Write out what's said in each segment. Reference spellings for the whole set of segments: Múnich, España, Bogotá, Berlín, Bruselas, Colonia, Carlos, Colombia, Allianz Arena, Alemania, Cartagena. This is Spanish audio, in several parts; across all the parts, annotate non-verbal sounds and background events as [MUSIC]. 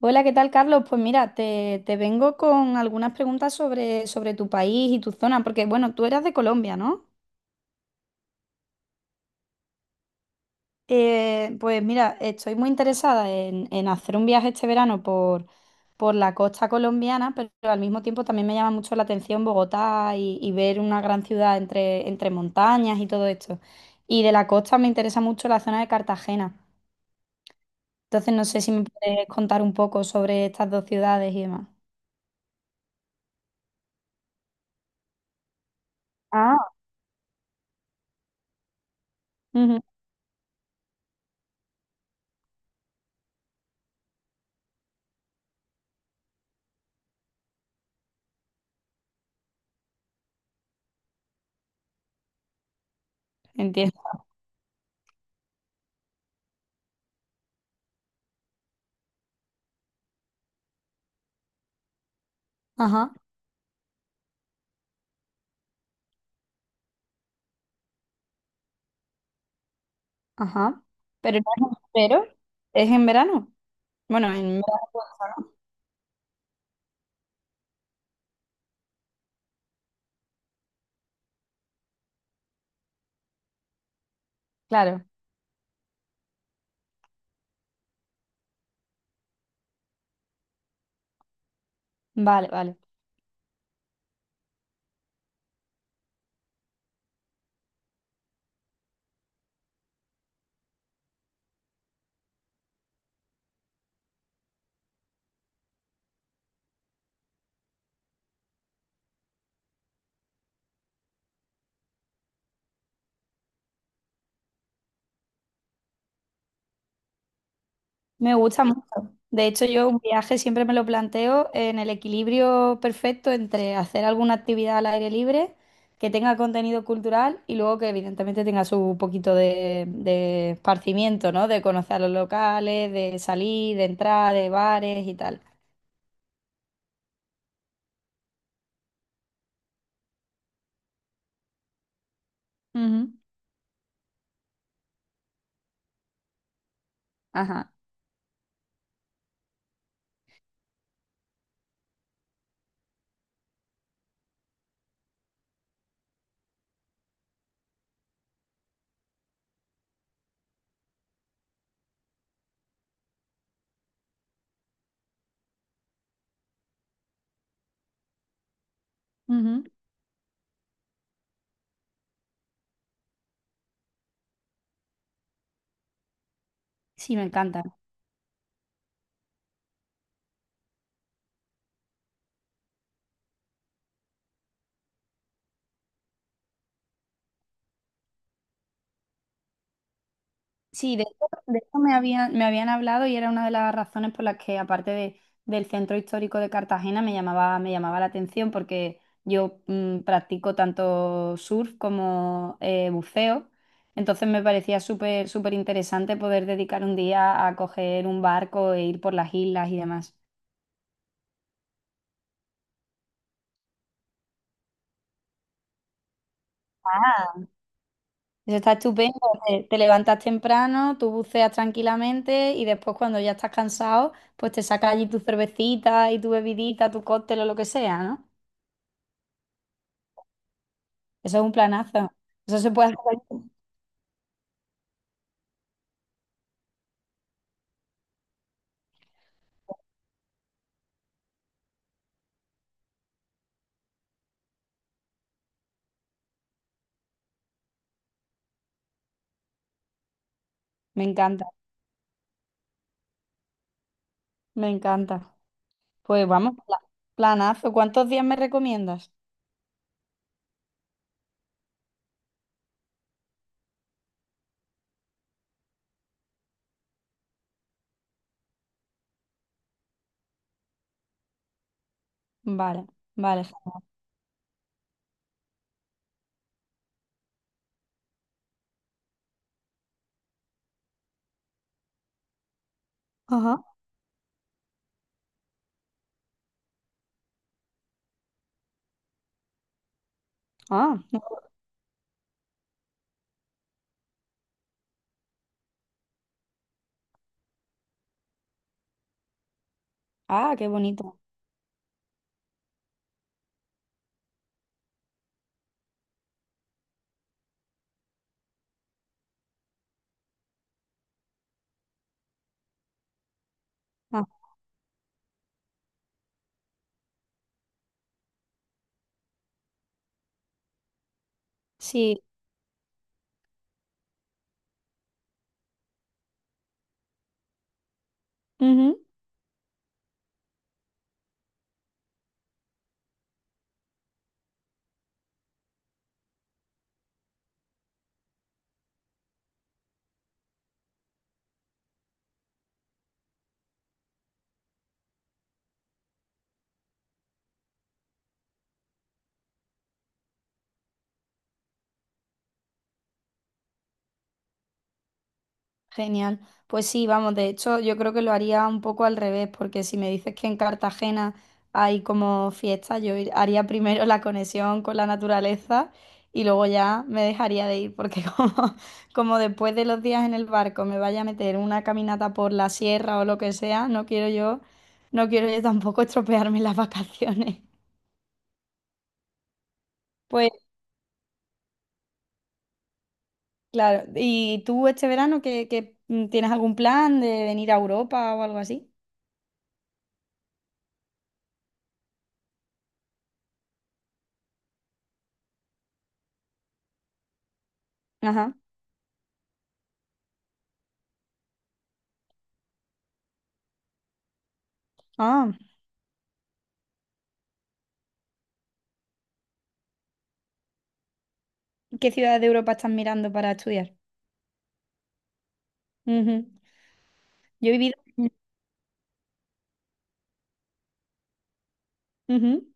Hola, ¿qué tal, Carlos? Pues mira, te vengo con algunas preguntas sobre tu país y tu zona, porque bueno, tú eras de Colombia, ¿no? Pues mira, estoy muy interesada en hacer un viaje este verano por la costa colombiana, pero al mismo tiempo también me llama mucho la atención Bogotá y ver una gran ciudad entre montañas y todo esto. Y de la costa me interesa mucho la zona de Cartagena. Entonces no sé si me puedes contar un poco sobre estas dos ciudades y demás. Ah. Ujú, entiendo. Ajá. Ajá. Pero no es, pero es en verano. Bueno, en verano, ¿no? Claro. Vale, vale. Me gusta mucho. De hecho, yo un viaje siempre me lo planteo en el equilibrio perfecto entre hacer alguna actividad al aire libre, que tenga contenido cultural y luego que evidentemente tenga su poquito de esparcimiento, ¿no? De conocer a los locales, de salir, de entrar, de bares y tal. Ujú. Ajá. Ujú. Sí, me encanta. Sí, de hecho, me habían hablado y era una de las razones por las que, aparte de- del centro histórico de Cartagena, me llamaba la atención porque yo practico tanto surf como buceo. Entonces me parecía súper, súper interesante poder dedicar un día a coger un barco e ir por las islas y demás. Eso está estupendo. Te levantas temprano, tú buceas tranquilamente y después cuando ya estás cansado, pues te sacas allí tu cervecita y tu bebidita, tu cóctel o lo que sea, ¿no? Eso es un planazo. Eso se puede hacer. Me encanta, me encanta. Pues vamos, planazo. ¿Cuántos días me recomiendas? Vale, vale. Ajá. Ah, no. Ah, qué bonito. Ah, sí. Genial. Pues sí, vamos, de hecho yo creo que lo haría un poco al revés, porque si me dices que en Cartagena hay como fiesta, yo haría primero la conexión con la naturaleza y luego ya me dejaría de ir, porque [LAUGHS] como, como después de los días en el barco me vaya a meter una caminata por la sierra o lo que sea, no quiero yo, no quiero yo tampoco [LAUGHS] estropearme las vacaciones. Pues claro, ¿y tú este verano que, tienes algún plan de venir a Europa o algo así? Ajá. Ah. ¿Qué ciudad de Europa estás mirando para estudiar? Ujú. Yo he vivido, Ujú.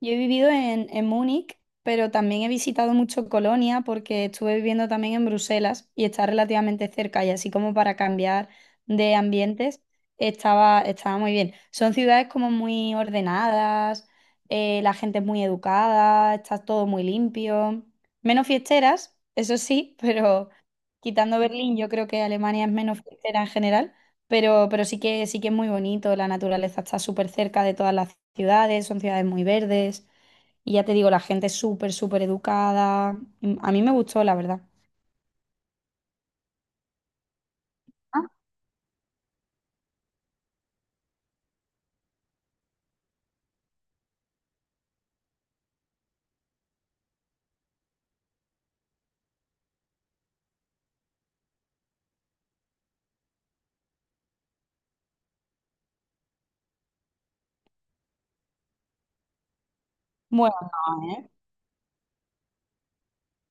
Yo he vivido en Múnich, pero también he visitado mucho Colonia porque estuve viviendo también en Bruselas y está relativamente cerca y así como para cambiar de ambientes estaba, estaba muy bien. Son ciudades como muy ordenadas, la gente es muy educada, está todo muy limpio. Menos fiesteras, eso sí, [LAUGHS] pero quitando Berlín, yo creo que Alemania es menos fiestera en general. Pero sí que es muy bonito, la naturaleza está súper cerca de todas las ciudades, son ciudades muy verdes. Y ya te digo, la gente es súper, súper educada. A mí me gustó, la verdad. Ah. Bueno, no, ¿eh?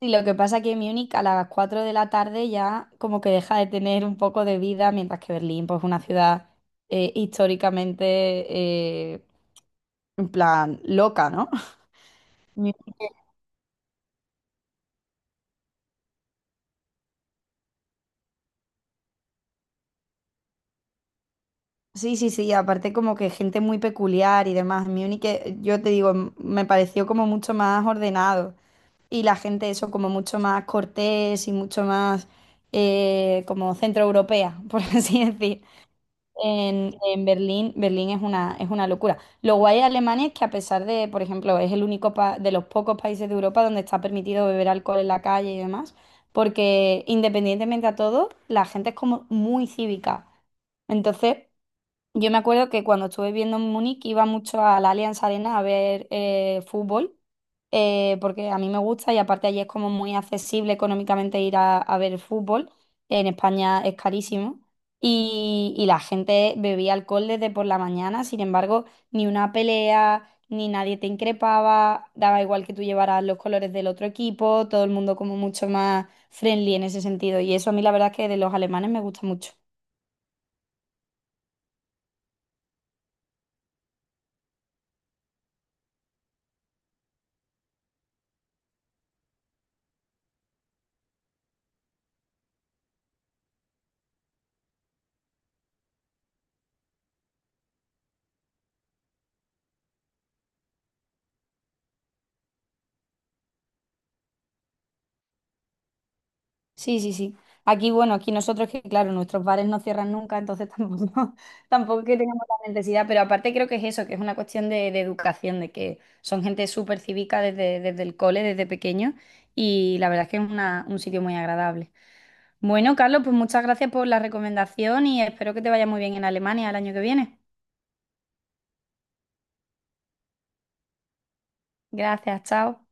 Sí, lo que pasa es que Múnich a las 4 de la tarde ya como que deja de tener un poco de vida, mientras que Berlín, pues es una ciudad históricamente, eh, en plan, loca, ¿no? [LAUGHS] Sí, sí, sí, aparte como que gente muy peculiar y demás. Múnich, yo te digo, me pareció como mucho más ordenado y la gente eso como mucho más cortés y mucho más como centroeuropea, [LAUGHS] por así decir. En Berlín, Berlín es una locura. Lo guay de Alemania es que a pesar de, por ejemplo, es el único de los pocos países de Europa donde está permitido beber alcohol en la calle y demás, porque independientemente a todo, la gente es como muy cívica. Entonces, yo me acuerdo que cuando estuve viviendo en Múnich iba mucho a la Allianz Arena a ver fútbol, porque a mí me gusta y aparte allí es como muy accesible económicamente ir a ver fútbol. En España es carísimo. Y la gente bebía alcohol desde por la mañana, sin embargo, ni una pelea, ni nadie te increpaba, daba igual que tú llevaras los colores del otro equipo, todo el mundo como mucho más friendly en ese sentido. Y eso a mí la verdad es que de los alemanes me gusta mucho. Sí, sí, sí. Aquí, bueno, aquí nosotros que, claro, nuestros bares no cierran nunca, entonces tampoco, [LAUGHS] tampoco que tengamos la necesidad, pero aparte creo que es eso, que es una cuestión de educación, de que son gente súper cívica desde, desde el cole, desde pequeño, y la verdad es que es un sitio muy agradable. Bueno, Carlos, pues muchas gracias por la recomendación y espero que te vaya muy bien en Alemania el año que viene. Gracias, chao.